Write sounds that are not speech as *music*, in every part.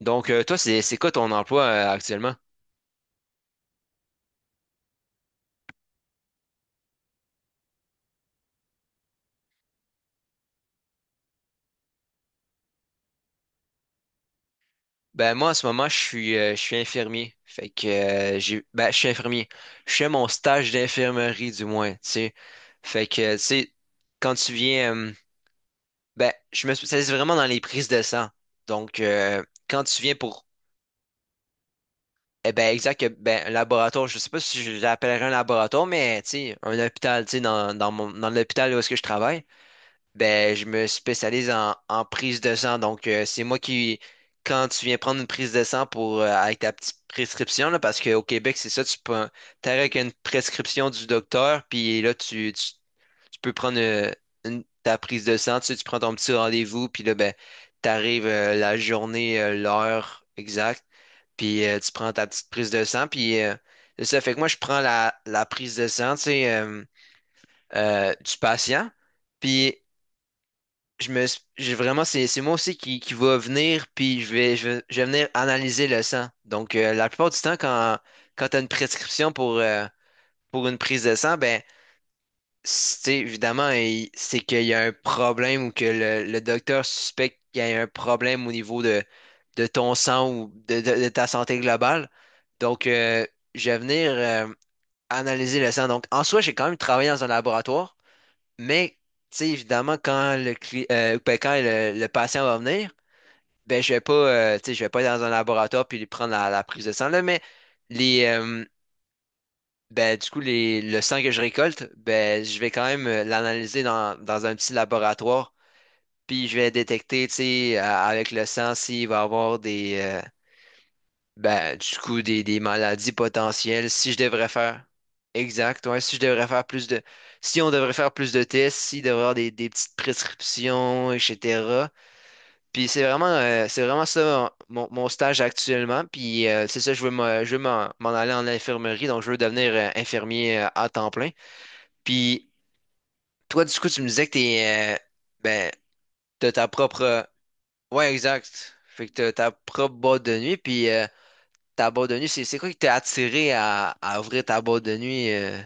Donc, toi, c'est quoi ton emploi actuellement? Ben moi, en ce moment, je suis infirmier. Fait que j'ai ben je suis infirmier. Je fais mon stage d'infirmerie, du moins, tu sais. Fait que tu sais, quand tu viens, ben je me spécialise vraiment dans les prises de sang. Donc quand tu viens pour eh ben exact ben un laboratoire, je sais pas si je l'appellerais un laboratoire, mais tu sais un hôpital, tu sais dans l'hôpital où est-ce que je travaille. Ben, je me spécialise en prise de sang. Donc, c'est moi qui, quand tu viens prendre une prise de sang pour, avec ta petite prescription, là, parce qu'au Québec, c'est ça, tu peux, t'arrives avec une prescription du docteur, puis là, tu peux prendre ta prise de sang, tu sais, tu prends ton petit rendez-vous, puis là, ben, t'arrives la journée, l'heure exacte, puis tu prends ta petite prise de sang, puis c'est ça, fait que moi, je prends la prise de sang, tu sais, du patient. Puis je me, s- j'ai vraiment, c'est moi aussi qui va venir, puis je vais venir analyser le sang. Donc, la plupart du temps, quand tu as une prescription pour une prise de sang, ben, c'est évidemment, c'est qu'il y a un problème ou que le docteur suspecte qu'il y a un problème au niveau de ton sang ou de ta santé globale. Donc, je vais venir analyser le sang. Donc, en soi, j'ai quand même travaillé dans un laboratoire. Mais, tu sais, évidemment, quand le patient va venir, ben, je vais pas, tu sais, je vais pas aller dans un laboratoire puis lui prendre la prise de sang, là, mais les, ben, du coup, les, le sang que je récolte, ben, je vais quand même l'analyser dans un petit laboratoire, puis je vais détecter, tu sais, avec le sang s'il va avoir des, Ben, du coup, des maladies potentielles, si je devrais faire. Exact, ouais, si je devrais faire plus de. Si on devrait faire plus de tests, s'il devrait y avoir des petites prescriptions, etc. Puis c'est vraiment ça mon stage actuellement. Puis c'est ça, je veux m'en aller en infirmerie, donc je veux devenir infirmier à temps plein. Puis toi, du coup, tu me disais que t'es, ben, t'as ta propre. Ouais, exact. Fait que t'as ta propre boîte de nuit, puis. Ta boîte de nuit, c'est quoi qui t'a attiré à ouvrir ta boîte de nuit?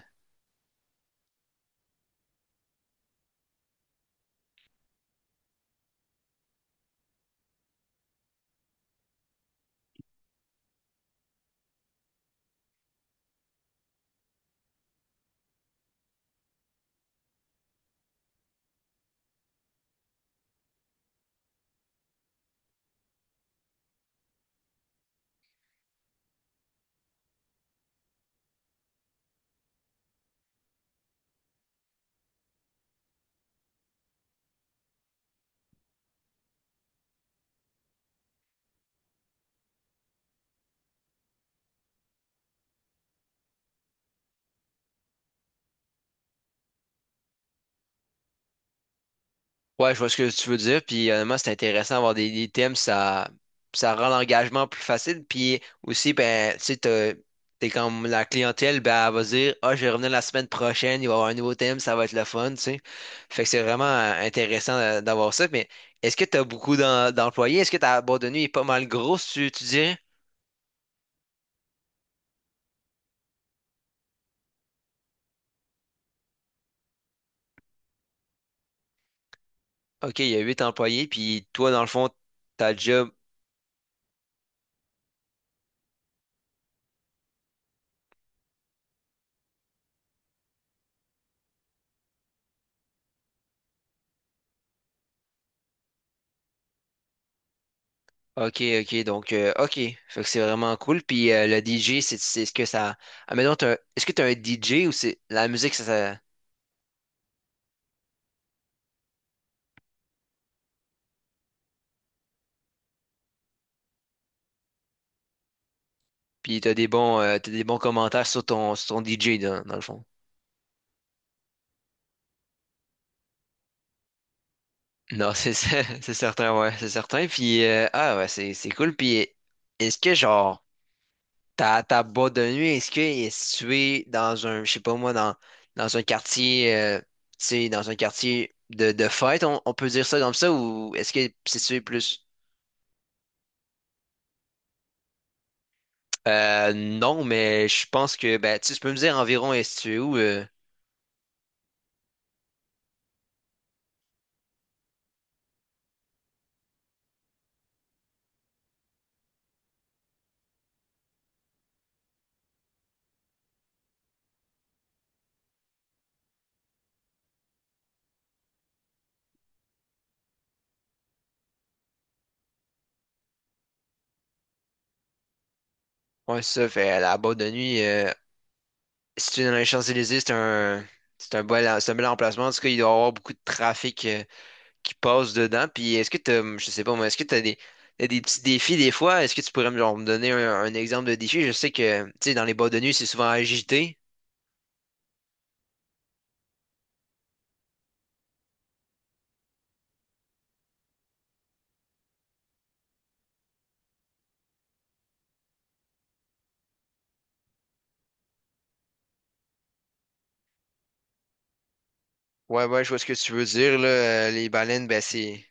Ouais, je vois ce que tu veux dire. Puis honnêtement, c'est intéressant d'avoir des thèmes, ça rend l'engagement plus facile. Puis aussi, ben, tu sais, t'es comme la clientèle, ben, elle va se dire, ah, je vais revenir la semaine prochaine, il va y avoir un nouveau thème, ça va être le fun, tu sais. Fait que c'est vraiment intéressant d'avoir ça. Mais est-ce que t'as beaucoup d'employés? Est-ce que ta boîte de nuit est pas mal grosse, tu dirais? Ok, il y a huit employés, puis toi, dans le fond, ta job. OK, OK, donc, OK. Fait que c'est vraiment cool. Puis le DJ, c'est ce que ça. Ah, mais non, est-ce que tu as un DJ ou c'est la musique, ça... Puis t'as des bons commentaires sur ton DJ, dans le fond. Non, c'est ça, *laughs* c'est certain, ouais, c'est certain. Puis, ah, ouais, c'est cool. Puis, est-ce que, genre, ta boîte de nuit, est-ce que est située dans un, je sais pas moi, dans un quartier, tu sais, dans un quartier de fête, on peut dire ça comme ça, ou est-ce que c'est situé plus. Non, mais je pense que, ben, tu sais, tu peux me dire environ, est-ce que tu es où? Ouais, ça fait la boîte de nuit. Si tu es dans les Champs-Élysées, c'est un bel emplacement. En tout cas, il doit y avoir beaucoup de trafic qui passe dedans. Puis, est-ce que tu as, je sais pas moi, est-ce que tu as des, t'as des petits défis des fois? Est-ce que tu pourrais me donner un exemple de défi? Je sais que, tu sais, dans les boîtes de nuit, c'est souvent agité. Ouais, ouais, je vois ce que tu veux dire, là. Les baleines, ben, c'est.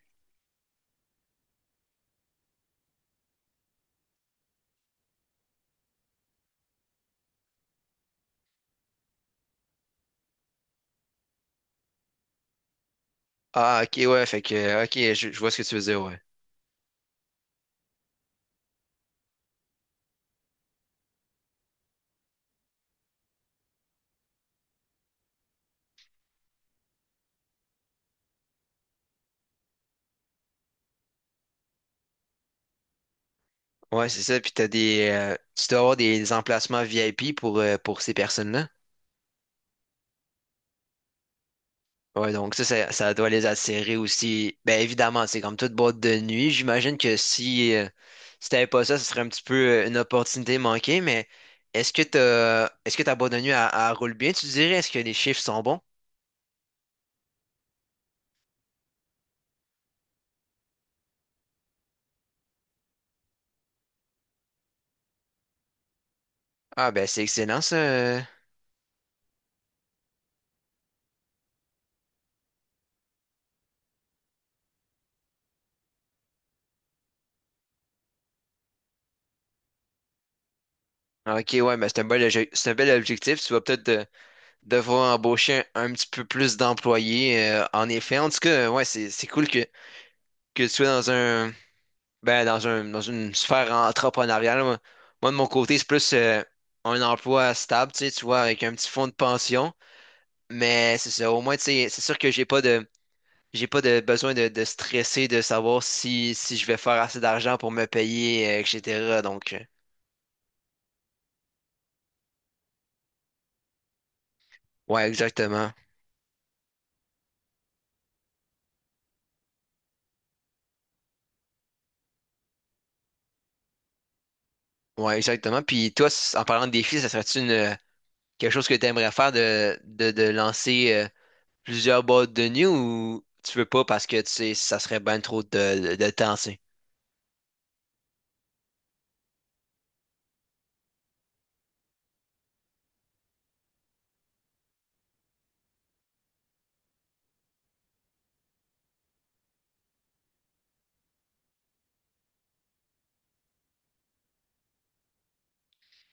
Ah, ok, ouais, fait que, ok, je vois ce que tu veux dire, ouais. Ouais, c'est ça. Puis tu dois avoir des emplacements VIP pour ces personnes-là. Ouais, donc ça doit les attirer aussi. Ben évidemment, c'est comme toute boîte de nuit. J'imagine que si t'avais pas ça, ce serait un petit peu une opportunité manquée. Mais est-ce que ta boîte de nuit, elle, elle roule bien, tu dirais? Est-ce que les chiffres sont bons? Ah ben c'est excellent ça. Ok, ouais, mais c'est un bel objectif. Tu vas peut-être devoir embaucher un petit peu plus d'employés, en effet, en tout cas, ouais, c'est cool que tu sois dans un ben dans un dans une sphère entrepreneuriale. Moi, de mon côté, c'est plus un emploi stable, tu sais, tu vois, avec un petit fonds de pension. Mais c'est ça, au moins, tu sais, c'est sûr que j'ai pas de besoin de stresser, de savoir si je vais faire assez d'argent pour me payer, etc. Donc, ouais, exactement. Ouais, exactement. Puis toi, en parlant de défis, ça serait-tu une quelque chose que tu aimerais faire de lancer plusieurs boîtes de nuit? Ou tu veux pas parce que tu sais, ça serait bien trop de temps, tu sais.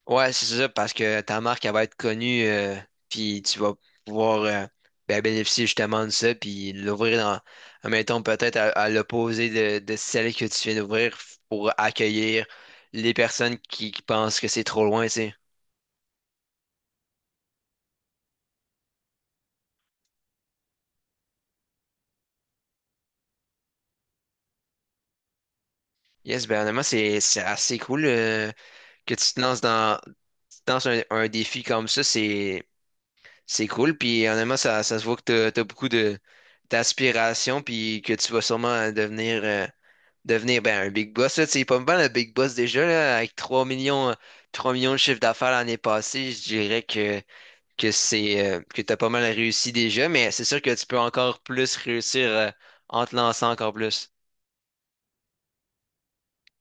Ouais, c'est ça, parce que ta marque, elle va être connue, puis tu vas pouvoir ben, bénéficier justement de ça, puis l'ouvrir admettons, peut-être à l'opposé de celle que tu viens d'ouvrir pour accueillir les personnes qui pensent que c'est trop loin, tu sais. Yes, ben honnêtement, c'est assez cool que tu te lances un défi comme ça, c'est cool, puis honnêtement, ça se voit que t'as beaucoup de d'aspiration, puis que tu vas sûrement devenir ben, un big boss. Là, tu sais, pas mal le big boss déjà, là, avec 3 millions de chiffre d'affaires l'année passée, je dirais que c'est que t'as pas mal réussi déjà, mais c'est sûr que tu peux encore plus réussir en te lançant encore plus.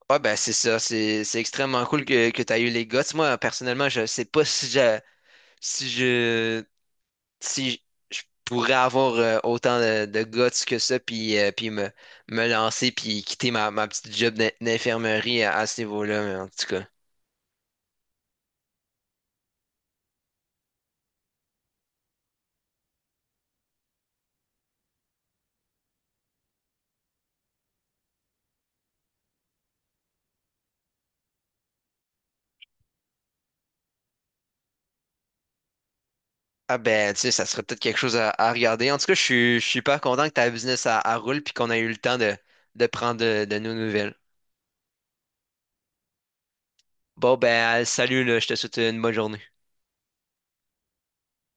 Ouais, ben c'est ça, c'est extrêmement cool que tu as eu les guts. Moi, personnellement, je sais pas si je si je pourrais avoir autant de guts que ça, puis me lancer, puis quitter ma petite job d'infirmerie à ce niveau-là, mais en tout cas. Ah ben, tu sais, ça serait peut-être quelque chose à regarder. En tout cas, je suis super content que ta business à roule, puis qu'on a eu le temps de prendre de nos nouvelles. Bon ben, salut, là, je te souhaite une bonne journée.